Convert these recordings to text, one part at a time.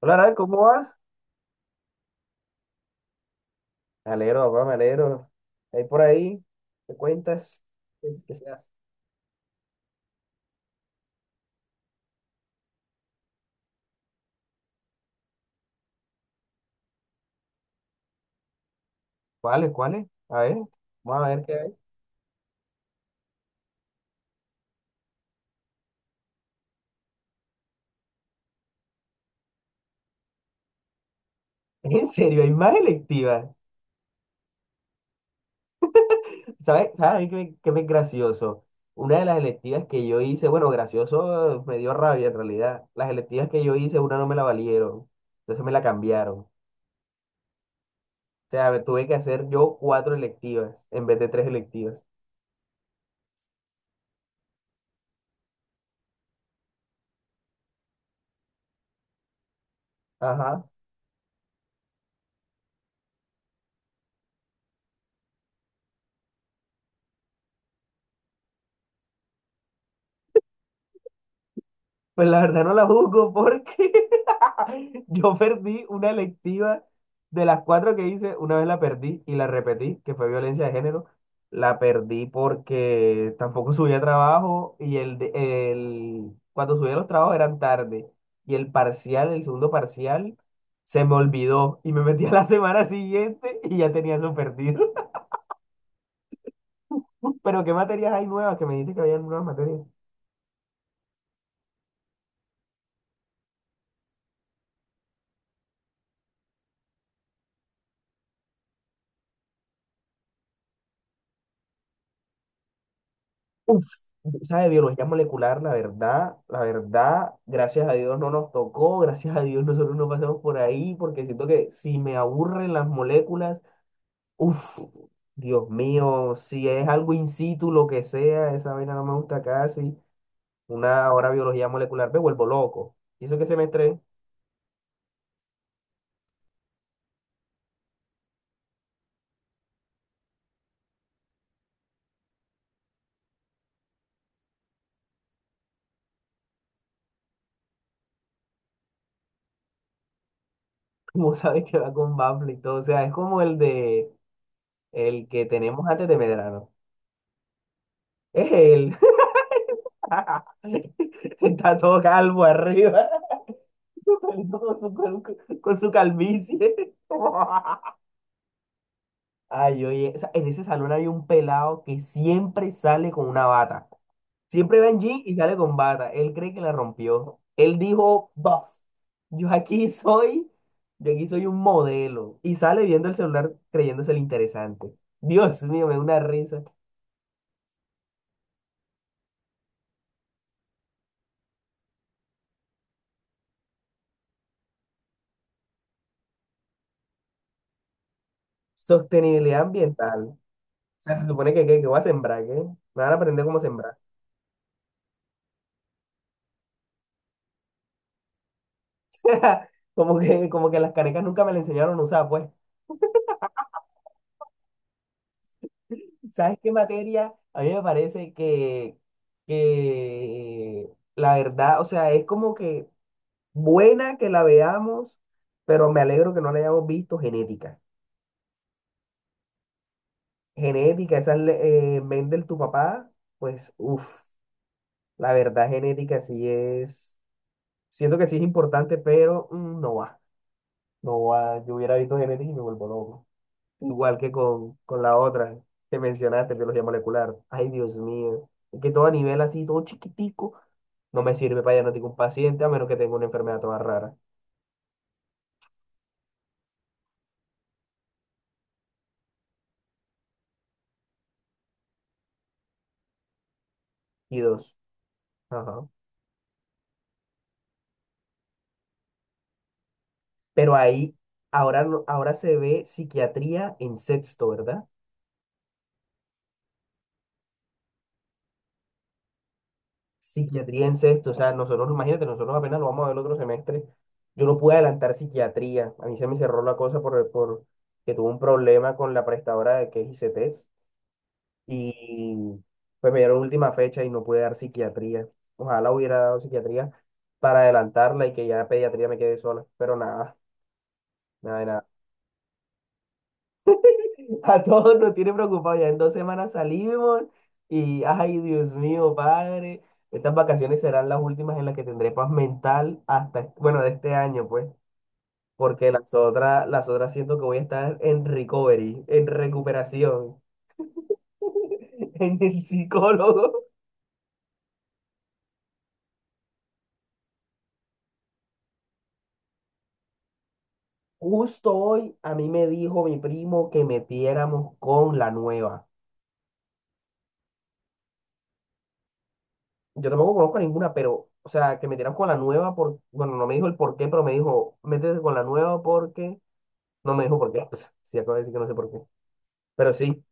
Hola, Nay, ¿cómo vas? Me alegro, papá, me alegro. Ahí por ahí, ¿te cuentas? ¿Qué, qué se hace? ¿Cuáles, cuáles? A ver, vamos a ver qué hay. En serio, hay más electivas. ¿Sabes? ¿Sabes qué, qué me es gracioso? Una de las electivas que yo hice, bueno, gracioso me dio rabia en realidad. Las electivas que yo hice, una no me la valieron. Entonces me la cambiaron. O sea, me tuve que hacer yo cuatro electivas en vez de tres electivas. Ajá. Pues la verdad no la juzgo porque yo perdí una electiva de las cuatro que hice, una vez la perdí y la repetí, que fue violencia de género. La perdí porque tampoco subía trabajo y el cuando subía los trabajos eran tarde. Y el parcial, el segundo parcial, se me olvidó y me metí a la semana siguiente y ya tenía eso perdido. Pero ¿qué materias hay nuevas? Que me dijiste que había nuevas materias. Uf, esa biología molecular, la verdad, gracias a Dios no nos tocó, gracias a Dios nosotros no pasamos por ahí, porque siento que si me aburren las moléculas, uf, Dios mío, si es algo in situ, lo que sea, esa vaina no me gusta casi, una hora biología molecular, me vuelvo loco. Y eso que semestre, como sabes que va con Bafle y todo, o sea, es como el que tenemos antes de Medrano, es él, está todo calvo arriba. Con con su calvicie. Ay, oye, o sea, en ese salón había un pelado que siempre sale con una bata. Siempre va en jean y sale con bata. Él cree que la rompió. Él dijo, buff, yo aquí soy, yo aquí soy un modelo. Y sale viendo el celular creyéndose el interesante. Dios mío, me da una risa. Sostenibilidad ambiental. O sea, se supone que, voy a sembrar, ¿qué? Me van a aprender cómo sembrar. Como que las canecas nunca me la enseñaron a usar, pues. ¿Sabes qué materia? A mí me parece que la verdad, o sea, es como que buena que la veamos, pero me alegro que no la hayamos visto genética. Genética, esa es Mendel, tu papá, pues, uff, la verdad genética sí es, siento que sí es importante, pero no va, no va, yo hubiera visto genética y me vuelvo loco. Igual que con la otra que mencionaste, biología molecular. Ay, Dios mío. Que todo a nivel así, todo chiquitico, no me sirve para diagnosticar un paciente a menos que tenga una enfermedad toda rara. Y dos. Ajá. Pero ahí, ahora, no- ahora se ve psiquiatría en sexto, ¿verdad? Psiquiatría en sexto. O sea, nosotros, imagínate, nosotros apenas lo vamos a ver el otro semestre. Yo no pude adelantar psiquiatría. A mí se me cerró la cosa por que tuve un problema con la prestadora de que es ICETEX y pues me dieron última fecha y no pude dar psiquiatría. Ojalá hubiera dado psiquiatría para adelantarla y que ya pediatría me quede sola, pero nada, nada de nada. A todos nos tiene preocupados, ya en dos semanas salimos y, ay, Dios mío, padre, estas vacaciones serán las últimas en las que tendré paz mental hasta, bueno, de este año, pues, porque las otras siento que voy a estar en recovery, en recuperación, en el psicólogo. Justo hoy a mí me dijo mi primo que metiéramos con la nueva. Yo tampoco conozco ninguna, pero, o sea, que metiéramos con la nueva por, bueno, no me dijo el por qué, pero me dijo, métete con la nueva porque, no me dijo por qué, pues, sí, acabo de decir que no sé por qué, pero sí,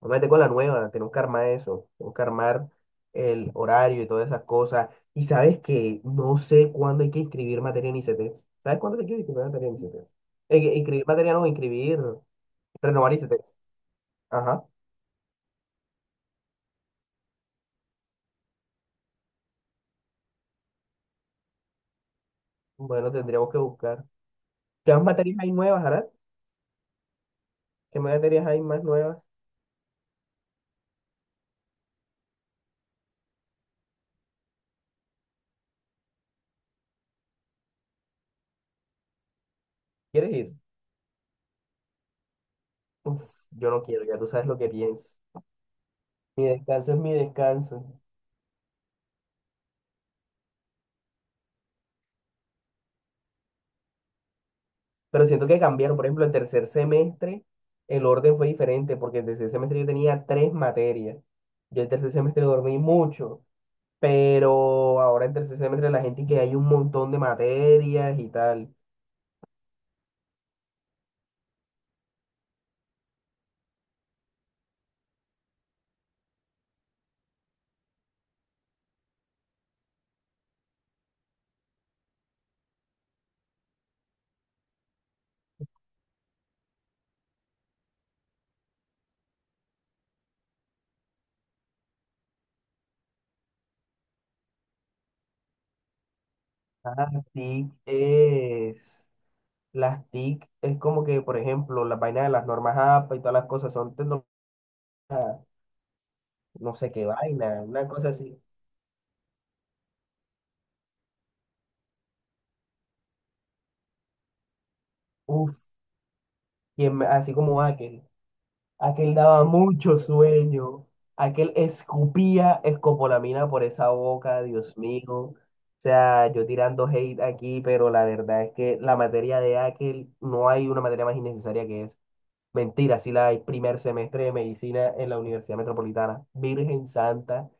métete con la nueva, tenemos que armar eso, tenemos que armar el horario y todas esas cosas. Y sabes que no sé cuándo hay que inscribir materia en ICETEX. ¿Sabes cuándo hay que inscribir materia en ICETEX? Que inscribir materia no, inscribir, renovar ICETEX. Ajá. Bueno, tendríamos que buscar. ¿Qué más materias hay nuevas, Arad? ¿Qué más materias hay más nuevas? ¿Quieres ir? Uf, yo no quiero, ya tú sabes lo que pienso. Mi descanso es mi descanso. Pero siento que cambiaron, por ejemplo, el tercer semestre, el orden fue diferente, porque el tercer semestre yo tenía tres materias. Yo el tercer semestre dormí mucho, pero ahora en tercer semestre la gente que hay un montón de materias y tal. Así es. Las TIC es como que, por ejemplo, las vainas de las normas APA y todas las cosas son tecnología, no sé qué vaina, una cosa así. Uf, así como aquel. Aquel daba mucho sueño. Aquel escupía escopolamina por esa boca, Dios mío. O sea, yo tirando hate aquí, pero la verdad es que la materia de aquel no hay una materia más innecesaria que es. Mentira, sí la hay, primer semestre de medicina en la Universidad Metropolitana. Virgen Santa.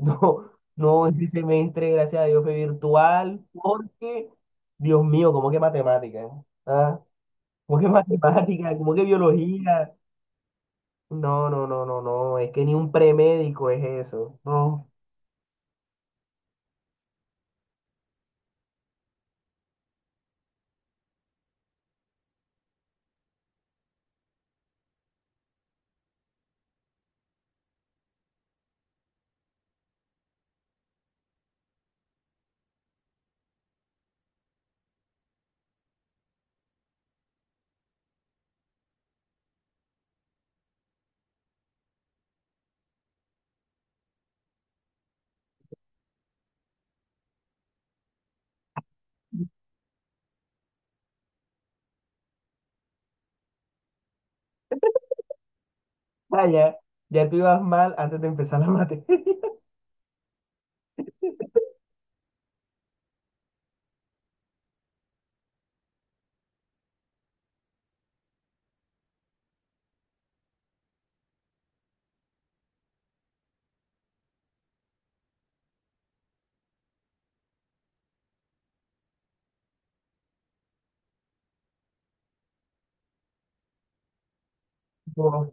No, no, ese semestre, gracias a Dios, fue virtual, porque, Dios mío, ¿cómo que matemáticas? ¿Ah? ¿Cómo que matemáticas? ¿Cómo que biología? No, no, no, no, no, es que ni un premédico es eso. No, vaya, ya tú ibas mal antes de empezar la mate. No,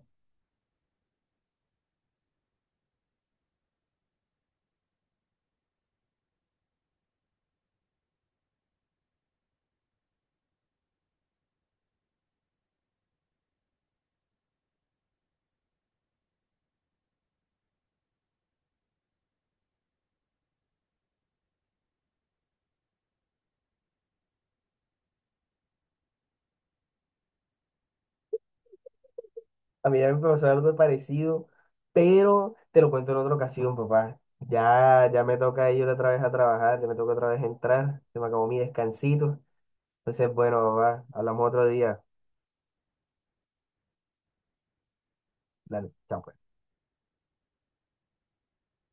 a mí ya me pasó algo parecido, pero te lo cuento en otra ocasión, papá. Ya me toca ir otra vez a trabajar, ya me toca otra vez entrar, se me acabó mi descansito. Entonces, bueno, papá, hablamos otro día. Dale, chao, pues.